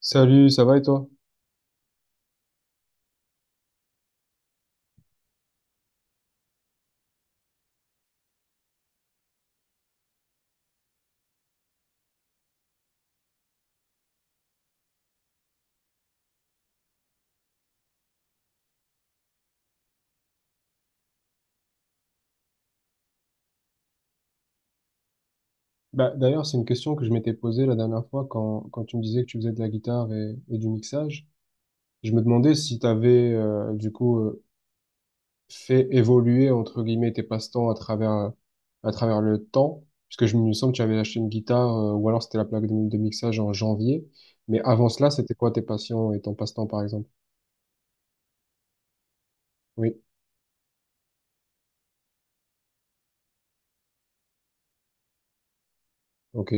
Salut, ça va et toi? Bah, d'ailleurs, c'est une question que je m'étais posée la dernière fois quand tu me disais que tu faisais de la guitare et du mixage. Je me demandais si tu avais du coup fait évoluer entre guillemets tes passe-temps à travers le temps, puisque je me sens que tu avais acheté une guitare ou alors c'était la plaque de mixage en janvier. Mais avant cela, c'était quoi tes passions et ton passe-temps par exemple? Oui, ok,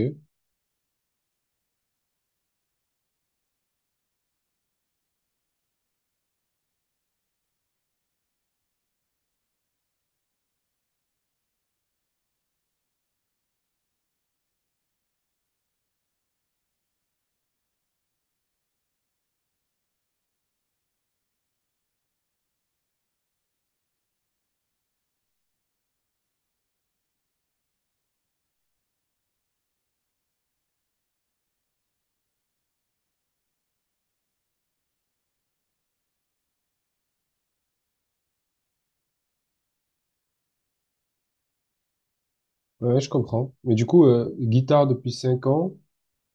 ouais, je comprends. Mais du coup, guitare depuis 5 ans.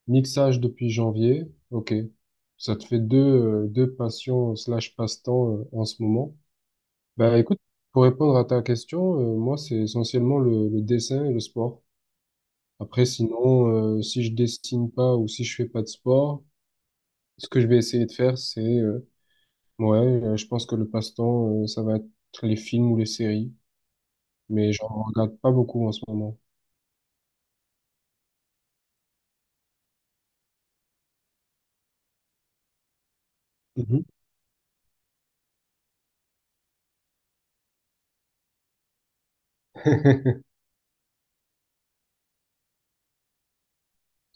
Mixage depuis janvier, ok. Ça te fait deux, deux passions slash passe-temps en ce moment. Bah écoute, pour répondre à ta question, moi c'est essentiellement le dessin et le sport. Après sinon, si je dessine pas ou si je fais pas de sport, ce que je vais essayer de faire c'est, ouais, je pense que le passe-temps ça va être les films ou les séries, mais j'en regarde pas beaucoup en ce moment. Mhm.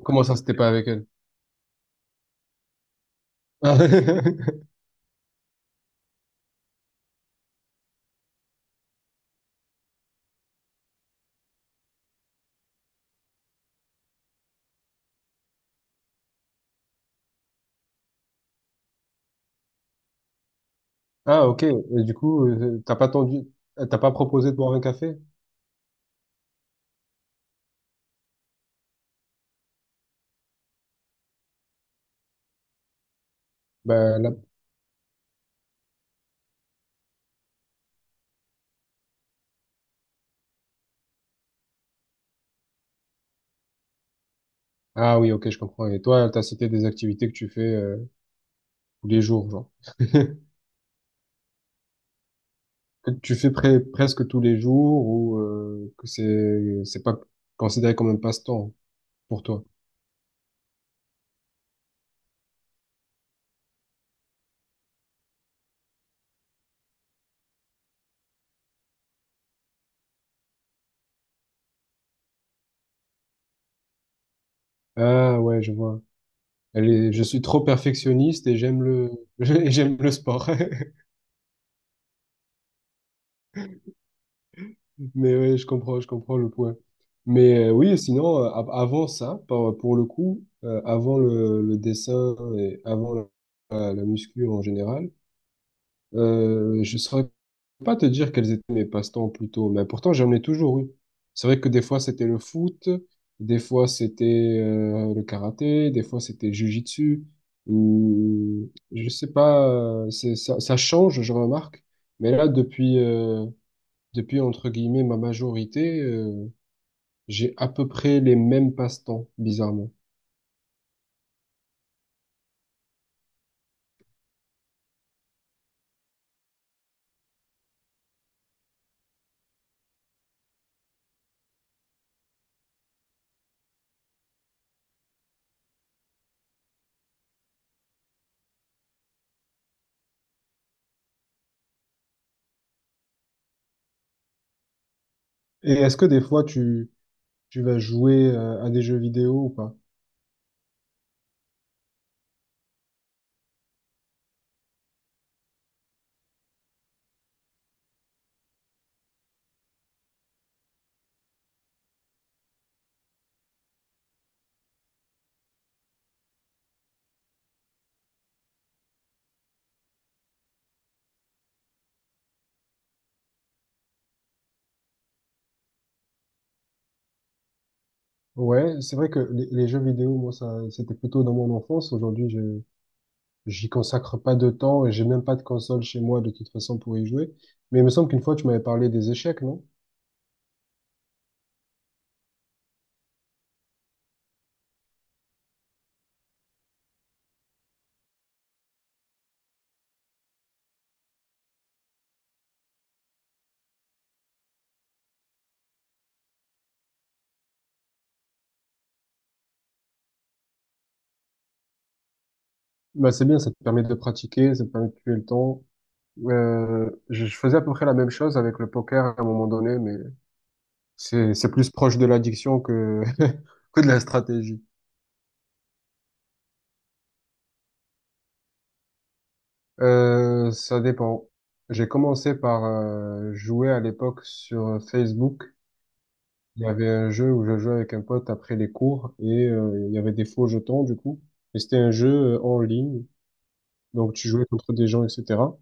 Comment ça, c'était pas avec elle? Ah, ok. Et du coup, t'as pas tendu, t'as pas proposé de boire un café? Ben, là... Ah oui, ok, je comprends. Et toi, t'as cité des activités que tu fais tous les jours, genre. Que tu fais presque tous les jours ou que c'est pas considéré comme un passe-temps pour toi. Ah ouais, je vois. Elle est- je suis trop perfectionniste et j'aime le et j'aime le sport. Mais ouais, je comprends le point. Mais oui, sinon, avant ça, pour le coup, avant le dessin et avant la muscu en général, je saurais pas te dire quels étaient mes passe-temps plutôt, mais pourtant j'en ai toujours eu. C'est vrai que des fois c'était le foot, des fois c'était le karaté, des fois c'était le jitsu. Je sais pas, ça change, je remarque. Mais là, depuis, entre guillemets, ma majorité, j'ai à peu près les mêmes passe-temps, bizarrement. Et est-ce que des fois, tu vas jouer à des jeux vidéo ou pas? Ouais, c'est vrai que les jeux vidéo, moi, ça, c'était plutôt dans mon enfance. Aujourd'hui, j'y consacre pas de temps et j'ai même pas de console chez moi, de toute façon, pour y jouer. Mais il me semble qu'une fois, tu m'avais parlé des échecs, non? Bah, c'est bien, ça te permet de pratiquer, ça te permet de tuer le temps. Je faisais à peu près la même chose avec le poker à un moment donné, mais c'est plus proche de l'addiction que que de la stratégie. Ça dépend. J'ai commencé par jouer à l'époque sur Facebook. Il y avait un jeu où je jouais avec un pote après les cours et il y avait des faux jetons du coup. Et c'était un jeu en ligne, donc tu jouais contre des gens, etc.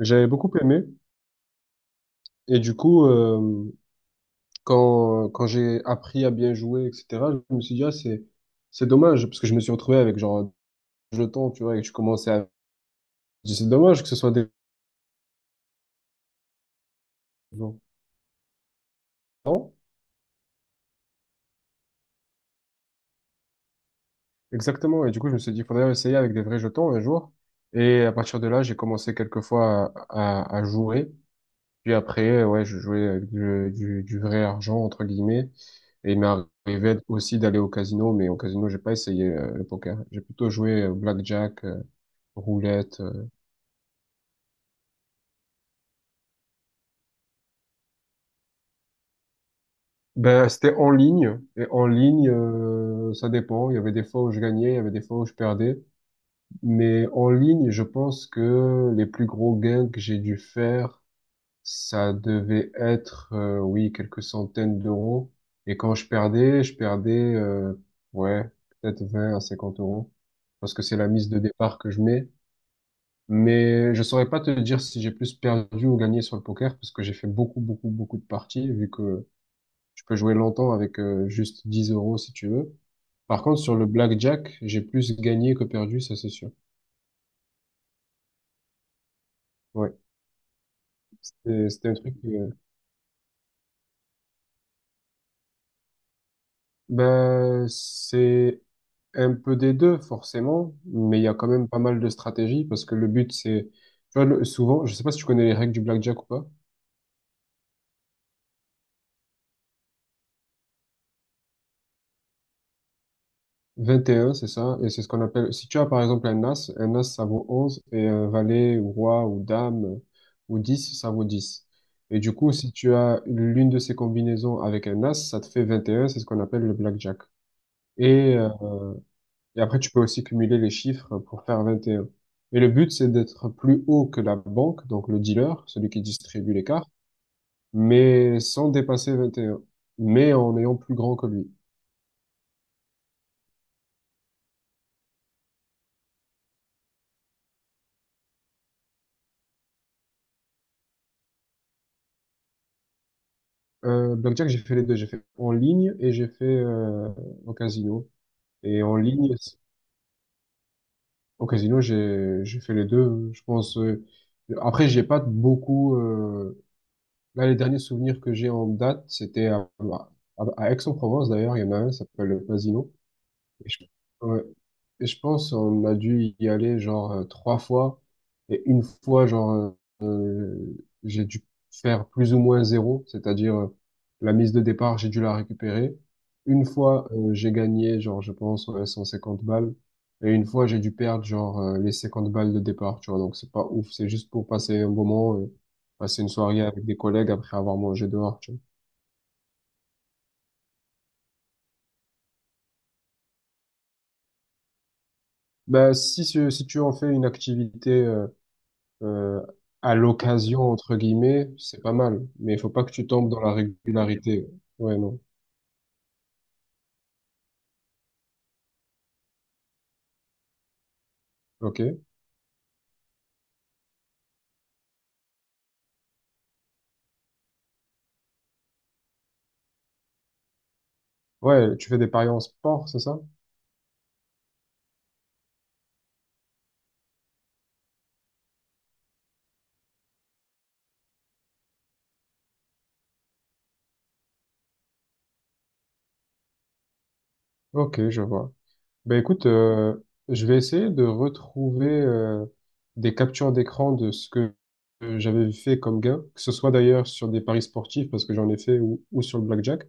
J'avais beaucoup aimé et du coup, quand j'ai appris à bien jouer, etc., je me suis dit, c'est dommage parce que je me suis retrouvé avec genre jetons, tu vois, et je commençais à. Je dis, c'est dommage que ce soit des jetons. Exactement. Et du coup, je me suis dit, il faudrait essayer avec des vrais jetons un jour. Et à partir de là, j'ai commencé quelquefois à jouer. Puis après, ouais, je jouais avec du vrai argent, entre guillemets. Et il m'est arrivé aussi d'aller au casino, mais au casino, j'ai pas essayé le poker. J'ai plutôt joué blackjack, roulette. Ben, c'était en ligne. Et en ligne, ça dépend. Il y avait des fois où je gagnais, il y avait des fois où je perdais. Mais en ligne, je pense que les plus gros gains que j'ai dû faire, ça devait être, oui, quelques centaines d'euros. Et quand je perdais, ouais, peut-être 20 à 50 euros, parce que c'est la mise de départ que je mets. Mais je saurais pas te dire si j'ai plus perdu ou gagné sur le poker, parce que j'ai fait beaucoup, beaucoup, beaucoup de parties, vu que je peux jouer longtemps avec juste 10 euros si tu veux. Par contre, sur le blackjack, j'ai plus gagné que perdu, ça c'est sûr. Ouais. C'était un truc. Ben, c'est un peu des deux, forcément, mais il y a quand même pas mal de stratégies parce que le but, c'est. Tu vois, le- souvent, je sais pas si tu connais les règles du blackjack ou pas. Vingt et un, c'est ça, et c'est ce qu'on appelle. Si tu as par exemple un as ça vaut 11 et un valet, ou roi, ou dame, ou 10 ça vaut 10. Et du coup, si tu as l'une de ces combinaisons avec un as, ça te fait vingt et un, c'est ce qu'on appelle le blackjack. Et. euh, Et après, tu peux aussi cumuler les chiffres pour faire vingt et un. Mais le but, c'est d'être plus haut que la banque, donc le dealer, celui qui distribue les cartes, mais sans dépasser vingt et un, mais en ayant plus grand que lui. Blackjack, j'ai fait les deux. J'ai fait en ligne et j'ai fait au casino. Et en ligne, au casino, j'ai fait les deux. Je pense. Après, j'ai pas beaucoup. Là, les derniers souvenirs que j'ai en date, c'était à Aix-en-Provence d'ailleurs. Il y en a un, ça s'appelle le Casino. Et je, ouais. Et je pense on a dû y aller genre trois fois. Et une fois, euh, j'ai dû faire plus ou moins zéro, c'est-à-dire la mise de départ, j'ai dû la récupérer. Une fois, j'ai gagné, genre, je pense, ouais, 150 balles. Et une fois, j'ai dû perdre, les 50 balles de départ, tu vois. Donc, c'est pas ouf, c'est juste pour passer un bon moment, passer une soirée avec des collègues après avoir mangé dehors, tu vois. Bah, si tu en fais une activité, euh, à l'occasion, entre guillemets, c'est pas mal. Mais il faut pas que tu tombes dans la régularité. Ouais, non. Ok. Ouais, tu fais des paris en sport, c'est ça? Ok, je vois. Ben écoute, je vais essayer de retrouver des captures d'écran de ce que j'avais fait comme gain, que ce soit d'ailleurs sur des paris sportifs, parce que j'en ai fait, ou sur le blackjack.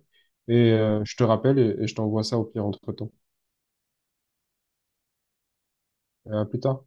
Et je te rappelle et je t'envoie ça au pire entre-temps. À plus tard.